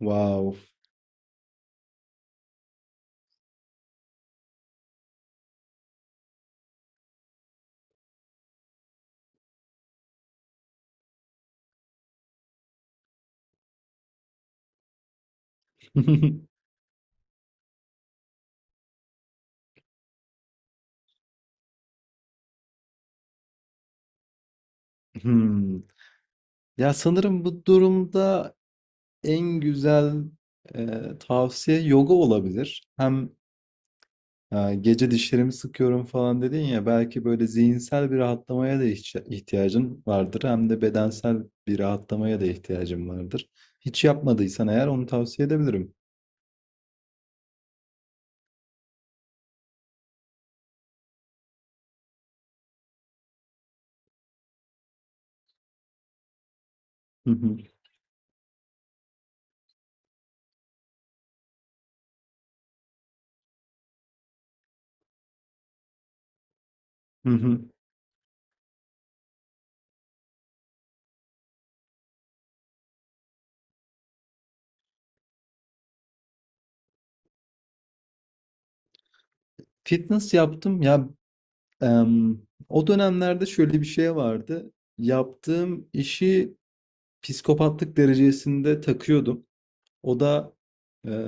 Wow. Hmm. Ya sanırım bu durumda en güzel e, tavsiye yoga olabilir. Hem gece dişlerimi sıkıyorum falan dedin ya, belki böyle zihinsel bir rahatlamaya da ihtiyacın vardır. Hem de bedensel bir rahatlamaya da ihtiyacın vardır. Hiç yapmadıysan eğer, onu tavsiye edebilirim. Hı hı, hı hı. Fitness yaptım ya, em, o dönemlerde şöyle bir şey vardı. Yaptığım işi psikopatlık derecesinde takıyordum. O da e,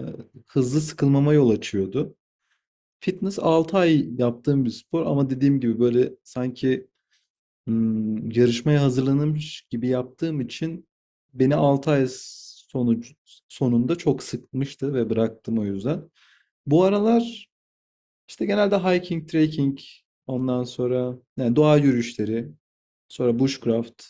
hızlı sıkılmama yol açıyordu. Fitness 6 ay yaptığım bir spor, ama dediğim gibi böyle sanki yarışmaya hazırlanmış gibi yaptığım için beni 6 ay sonucu, sonunda çok sıkmıştı ve bıraktım o yüzden. Bu aralar işte genelde hiking, trekking, ondan sonra yani doğa yürüyüşleri, sonra bushcraft.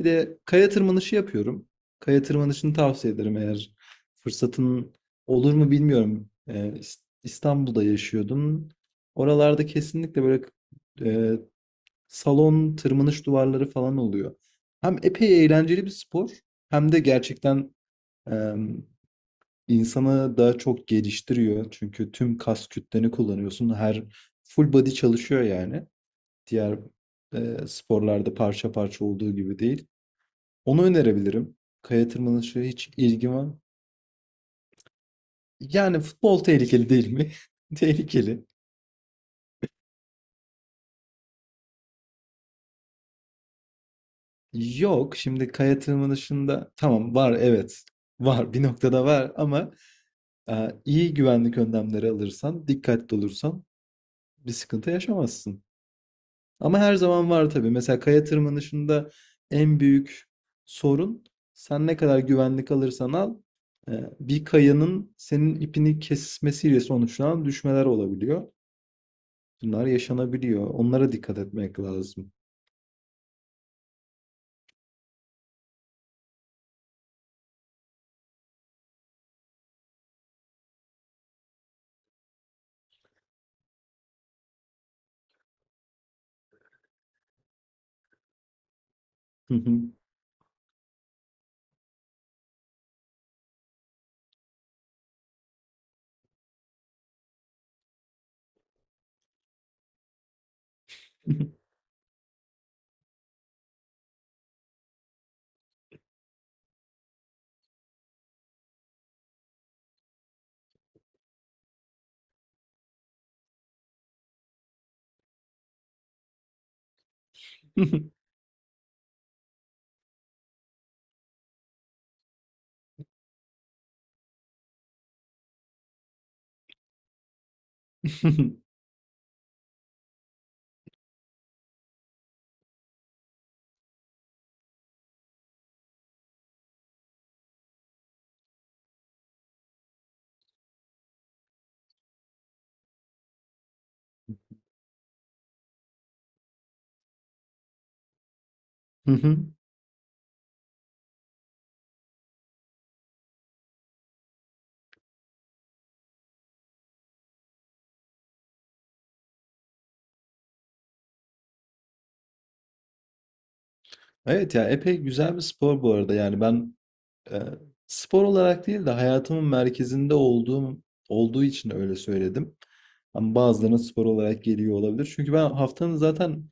Bir de kaya tırmanışı yapıyorum. Kaya tırmanışını tavsiye ederim, eğer fırsatın olur mu bilmiyorum. İstanbul'da yaşıyordum. Oralarda kesinlikle böyle e, salon tırmanış duvarları falan oluyor. Hem epey eğlenceli bir spor, hem de gerçekten e, insanı daha çok geliştiriyor. Çünkü tüm kas kütleni kullanıyorsun. Her full body çalışıyor yani. Diğer sporlarda parça parça olduğu gibi değil. Onu önerebilirim. Kaya tırmanışı hiç ilgim var. Yani futbol tehlikeli değil mi? Tehlikeli. Yok, şimdi kaya tırmanışında tamam, var, evet. Var, bir noktada var ama iyi güvenlik önlemleri alırsan, dikkatli olursan bir sıkıntı yaşamazsın. Ama her zaman var tabii. Mesela kaya tırmanışında en büyük sorun, sen ne kadar güvenlik alırsan al, e, bir kayanın senin ipini kesmesiyle sonuçlanan düşmeler olabiliyor. Bunlar yaşanabiliyor. Onlara dikkat etmek lazım. Hı hı. Hı hı. Evet ya, epey güzel bir spor bu arada. Yani ben e, spor olarak değil de hayatımın merkezinde olduğum olduğu için öyle söyledim. Ama bazılarına spor olarak geliyor olabilir. Çünkü ben haftanın zaten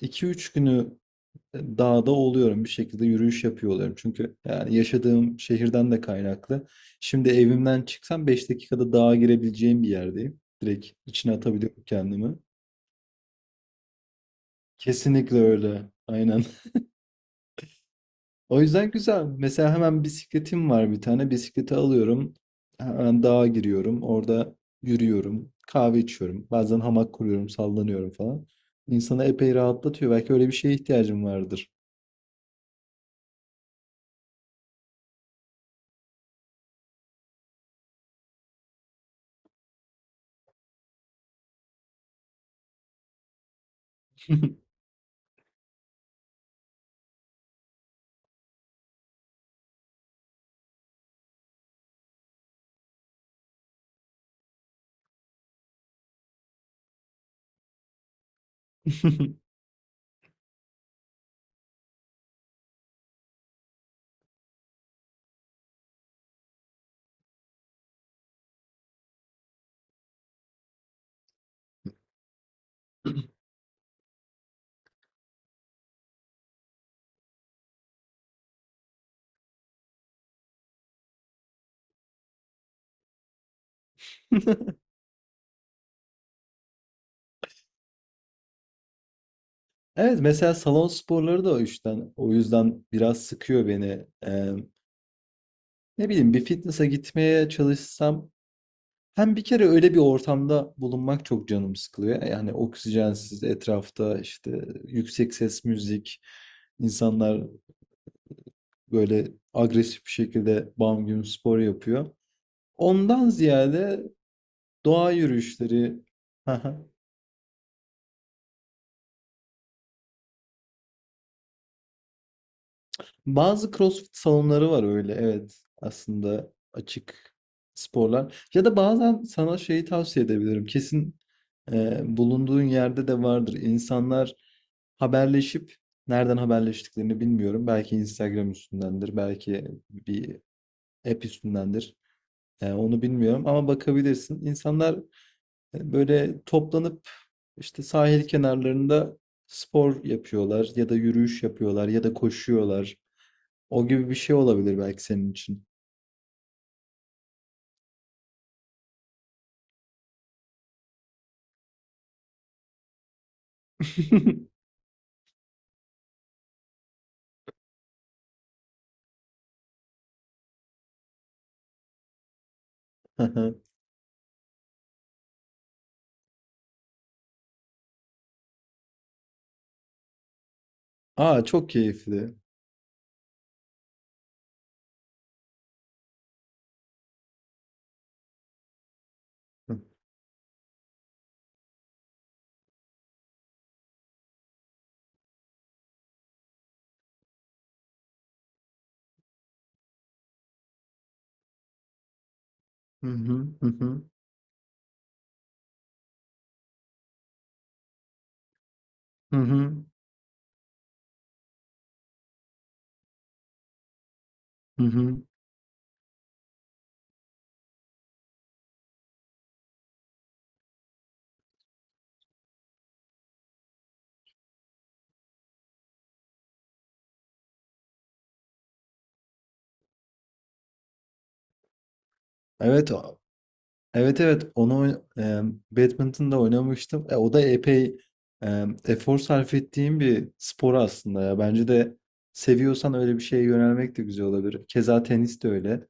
2-3 günü dağda oluyorum. Bir şekilde yürüyüş yapıyor oluyorum. Çünkü yani yaşadığım şehirden de kaynaklı. Şimdi evimden çıksam 5 dakikada dağa girebileceğim bir yerdeyim. Direkt içine atabiliyorum kendimi. Kesinlikle öyle. Aynen. O yüzden güzel. Mesela hemen bisikletim var bir tane. Bisikleti alıyorum. Hemen dağa giriyorum. Orada yürüyorum. Kahve içiyorum. Bazen hamak kuruyorum, sallanıyorum falan. İnsanı epey rahatlatıyor. Belki öyle bir şeye ihtiyacım vardır. Evet, mesela salon sporları da o yüzden, o yüzden biraz sıkıyor beni. Eee, Ne bileyim, bir fitness'a gitmeye çalışsam hem bir kere öyle bir ortamda bulunmak çok canım sıkılıyor. Yani oksijensiz, etrafta işte yüksek ses müzik, insanlar böyle agresif bir şekilde bam güm spor yapıyor. Ondan ziyade doğa yürüyüşleri. Aha. Bazı CrossFit salonları var öyle. Evet. Aslında açık sporlar. Ya da bazen sana şeyi tavsiye edebilirim. Kesin bulunduğun yerde de vardır. İnsanlar haberleşip, nereden haberleştiklerini bilmiyorum. Belki Instagram üstündendir. Belki bir app üstündendir. Onu bilmiyorum ama bakabilirsin. İnsanlar, böyle toplanıp işte sahil kenarlarında spor yapıyorlar ya da yürüyüş yapıyorlar ya da koşuyorlar. O gibi bir şey olabilir belki senin için. Aha. Aa, çok keyifli. Hı hı, hı hı, hı hı. Hı hı. Evet, evet, evet, onu badminton'da oynamıştım. O da epey efor sarf ettiğim bir spor aslında ya. Bence de seviyorsan öyle bir şeye yönelmek de güzel olabilir. Keza tenis de öyle.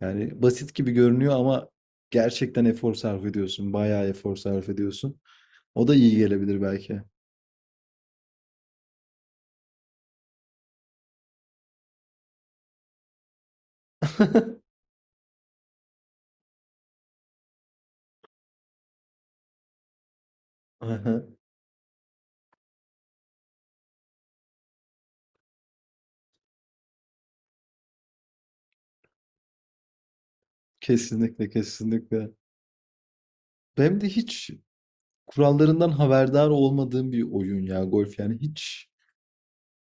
Yani basit gibi görünüyor ama gerçekten efor sarf ediyorsun. Bayağı efor sarf ediyorsun. O da iyi gelebilir belki. Aha, kesinlikle, kesinlikle. Hem de hiç kurallarından haberdar olmadığım bir oyun ya, golf. Yani hiç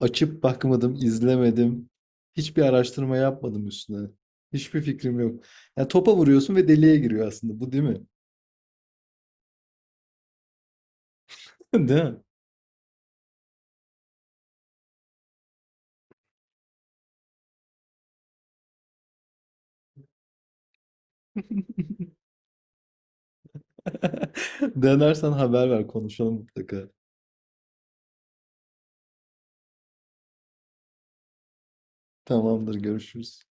açıp bakmadım, izlemedim. Hiçbir araştırma yapmadım üstüne. Hiçbir fikrim yok. Yani topa vuruyorsun ve deliğe giriyor aslında. Bu değil mi? Değil mi? Denersen haber ver, konuşalım mutlaka. Tamamdır, görüşürüz.